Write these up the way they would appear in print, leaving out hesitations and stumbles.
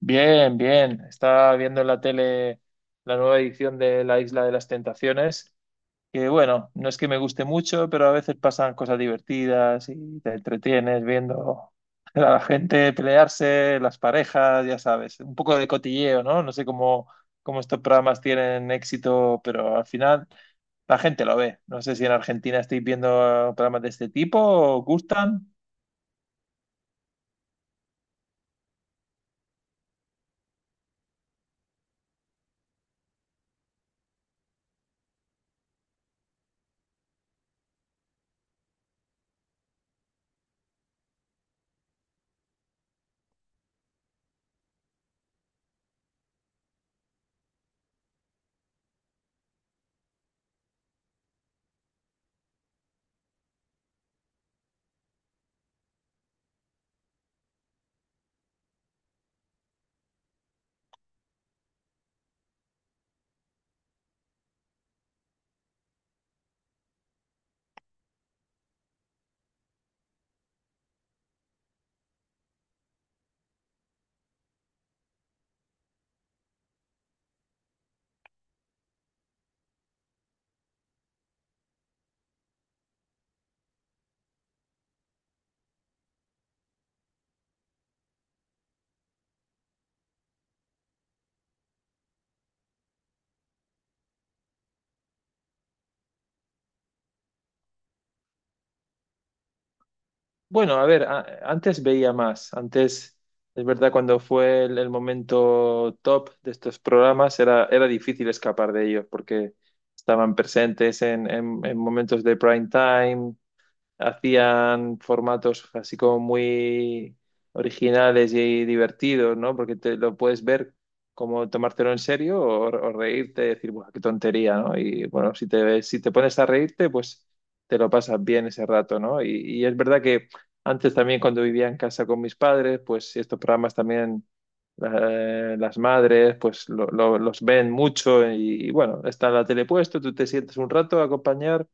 Bien, bien. Estaba viendo en la tele la nueva edición de La Isla de las Tentaciones, que bueno, no es que me guste mucho, pero a veces pasan cosas divertidas y te entretienes viendo a la gente pelearse, las parejas, ya sabes, un poco de cotilleo, ¿no? No sé cómo estos programas tienen éxito, pero al final la gente lo ve. No sé si en Argentina estáis viendo programas de este tipo, ¿os gustan? Bueno, a ver, antes veía más. Antes, es verdad, cuando fue el momento top de estos programas, era difícil escapar de ellos porque estaban presentes en, en momentos de prime time, hacían formatos así como muy originales y divertidos, ¿no? Porque te lo puedes ver como tomártelo en serio o reírte y decir, ¡buah, qué tontería!, ¿no? Y bueno, si te pones a reírte, pues te lo pasas bien ese rato, ¿no? Y es verdad que antes también cuando vivía en casa con mis padres, pues estos programas también, las madres pues los ven mucho y bueno, está la tele puesto, tú te sientes un rato a acompañar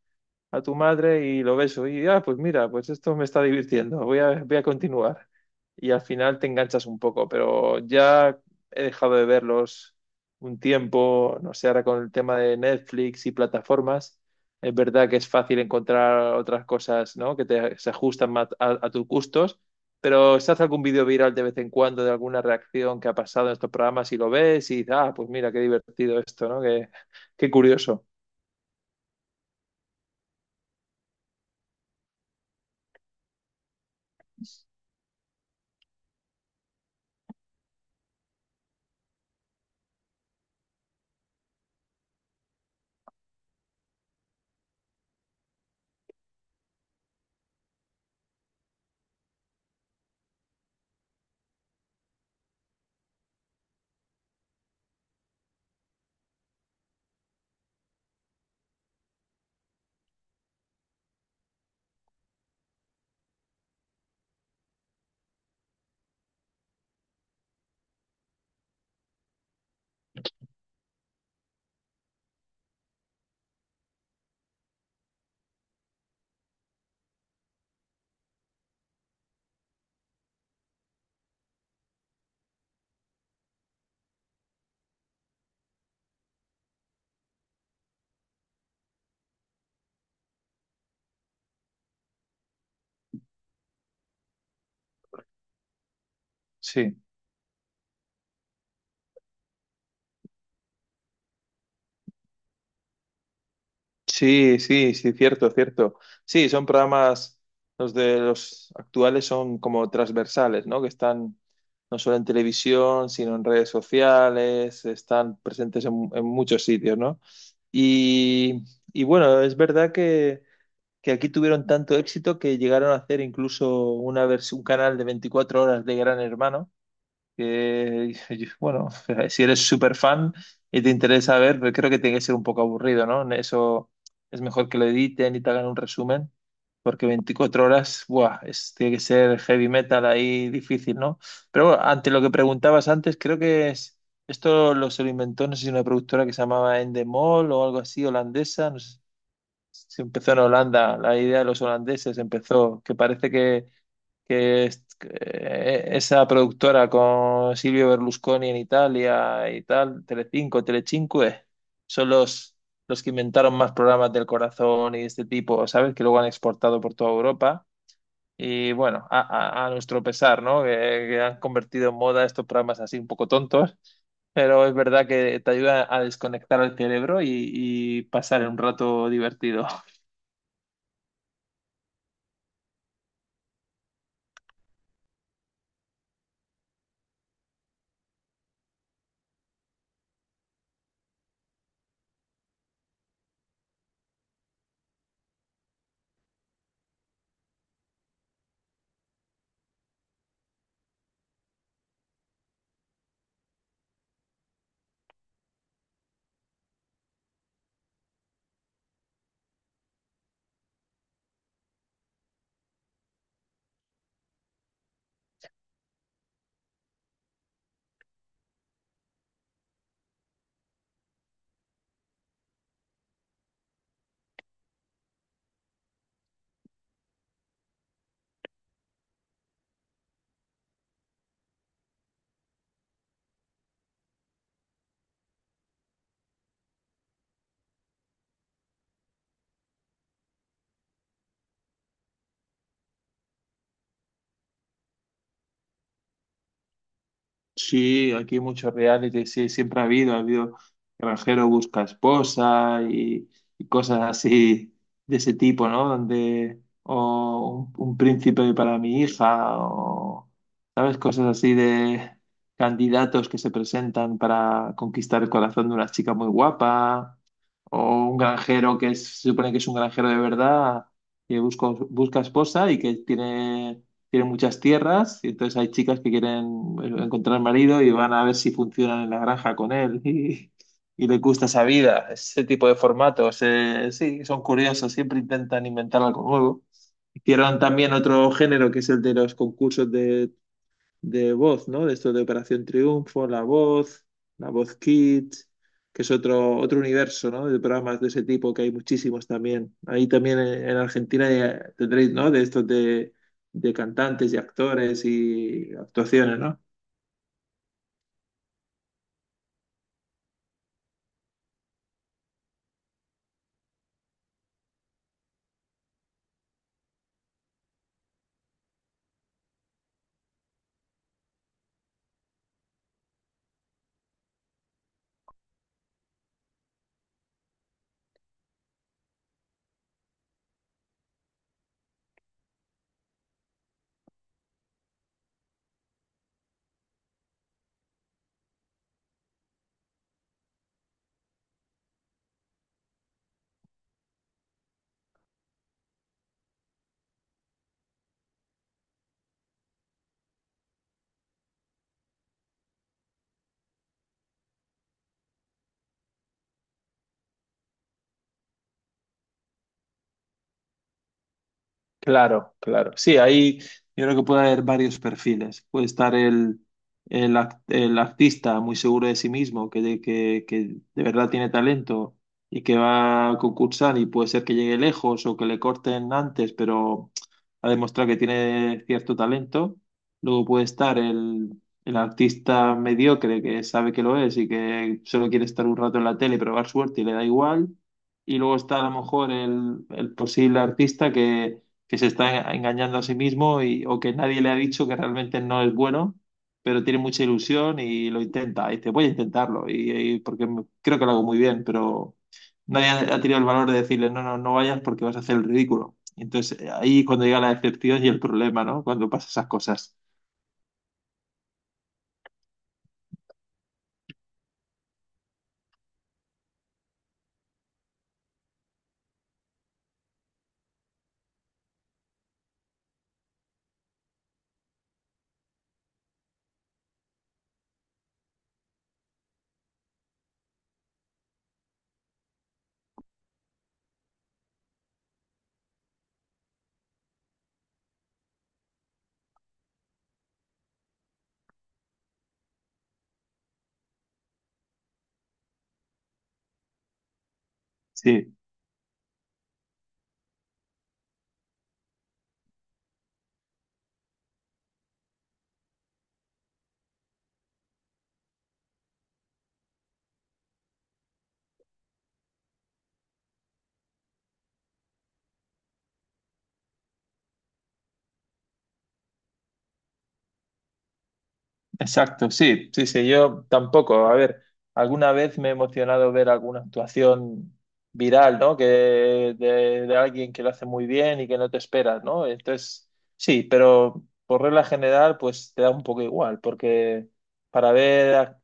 a tu madre y lo ves. Y, ah, pues mira, pues esto me está divirtiendo, voy a continuar. Y al final te enganchas un poco, pero ya he dejado de verlos un tiempo, no sé, ahora con el tema de Netflix y plataformas, es verdad que es fácil encontrar otras cosas, ¿no?, que se ajustan más a tus gustos. Pero se hace algún vídeo viral de vez en cuando de alguna reacción que ha pasado en estos programas y lo ves y ah, pues mira, qué divertido esto, ¿no? Qué, qué curioso. Sí. Sí, sí, sí, cierto, cierto. Sí, son programas, los de los actuales son como transversales, ¿no? Que están no solo en televisión, sino en redes sociales, están presentes en muchos sitios, ¿no? Y, y bueno, es verdad que aquí tuvieron tanto éxito que llegaron a hacer incluso una un canal de 24 horas de Gran Hermano que, bueno, si eres súper fan y te interesa ver, pero creo que tiene que ser un poco aburrido, ¿no? Eso es mejor que lo editen y te hagan un resumen, porque 24 horas, buah, tiene que ser heavy metal ahí difícil, ¿no? Pero bueno, ante lo que preguntabas antes, creo que es, esto lo se lo inventó, no sé si una productora que se llamaba Endemol o algo así, holandesa, no sé si empezó en Holanda, la idea de los holandeses empezó, que parece que esa productora con Silvio Berlusconi en Italia y tal, Telecinco, Telecinque, son los que inventaron más programas del corazón y de este tipo, ¿sabes? Que luego han exportado por toda Europa. Y bueno, a, a nuestro pesar, ¿no?, que han convertido en moda estos programas así un poco tontos, pero es verdad que te ayuda a desconectar el cerebro y pasar un rato divertido. Sí, aquí hay muchos reality, sí, siempre ha habido Granjero busca esposa y cosas así de ese tipo, ¿no? Donde, o un príncipe para mi hija, o, ¿sabes?, cosas así de candidatos que se presentan para conquistar el corazón de una chica muy guapa, o un granjero que se supone que es un granjero de verdad, que busca, busca esposa y que tiene tienen muchas tierras y entonces hay chicas que quieren encontrar marido y van a ver si funcionan en la granja con él y les gusta esa vida, ese tipo de formatos. Sí, son curiosos, siempre intentan inventar algo nuevo. Hicieron también otro género que es el de los concursos de voz, ¿no? De esto de Operación Triunfo, La Voz, La Voz Kids, que es otro, otro universo, ¿no? De programas de ese tipo que hay muchísimos también. Ahí también en Argentina ya tendréis, ¿no? De estos de cantantes y actores y actuaciones, ¿no? Claro, claro. Sí, ahí yo creo que puede haber varios perfiles. Puede estar el artista muy seguro de sí mismo, que de verdad tiene talento y que va a concursar y puede ser que llegue lejos o que le corten antes, pero ha demostrado que tiene cierto talento. Luego puede estar el artista mediocre que sabe que lo es y que solo quiere estar un rato en la tele y probar suerte y le da igual. Y luego está a lo mejor el posible artista que se está engañando a sí mismo y, o que nadie le ha dicho que realmente no es bueno, pero tiene mucha ilusión y lo intenta. Y dice, voy a intentarlo, y porque creo que lo hago muy bien, pero nadie ha, ha tenido el valor de decirle, no, no, no vayas porque vas a hacer el ridículo. Entonces, ahí cuando llega la decepción y el problema, ¿no? Cuando pasan esas cosas. Sí. Exacto, sí, sí, sí, yo tampoco. A ver, alguna vez me he emocionado ver alguna actuación viral, ¿no? Que de alguien que lo hace muy bien y que no te esperas, ¿no? Entonces, sí, pero por regla general, pues te da un poco igual, porque para ver a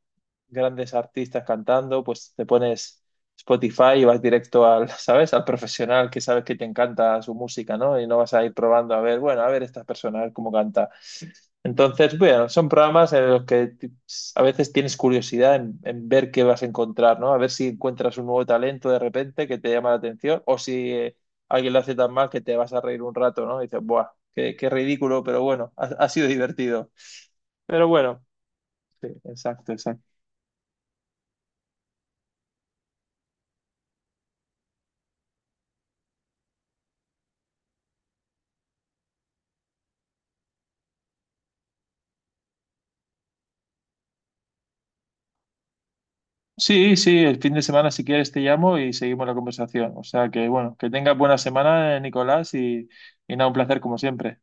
grandes artistas cantando, pues te pones Spotify y vas directo al, ¿sabes?, al profesional que sabes que te encanta su música, ¿no? Y no vas a ir probando a ver, bueno, a ver esta persona, a ver cómo canta. Entonces, bueno, son programas en los que a veces tienes curiosidad en ver qué vas a encontrar, ¿no? A ver si encuentras un nuevo talento de repente que te llama la atención o si alguien lo hace tan mal que te vas a reír un rato, ¿no? Y dices, ¡buah! Qué, qué ridículo, pero bueno, ha, ha sido divertido. Pero bueno, sí, exacto, exacto. Sí, sí, el fin de semana si quieres te llamo y seguimos la conversación. O sea que bueno, que tengas buena semana, Nicolás, y nada, un placer como siempre.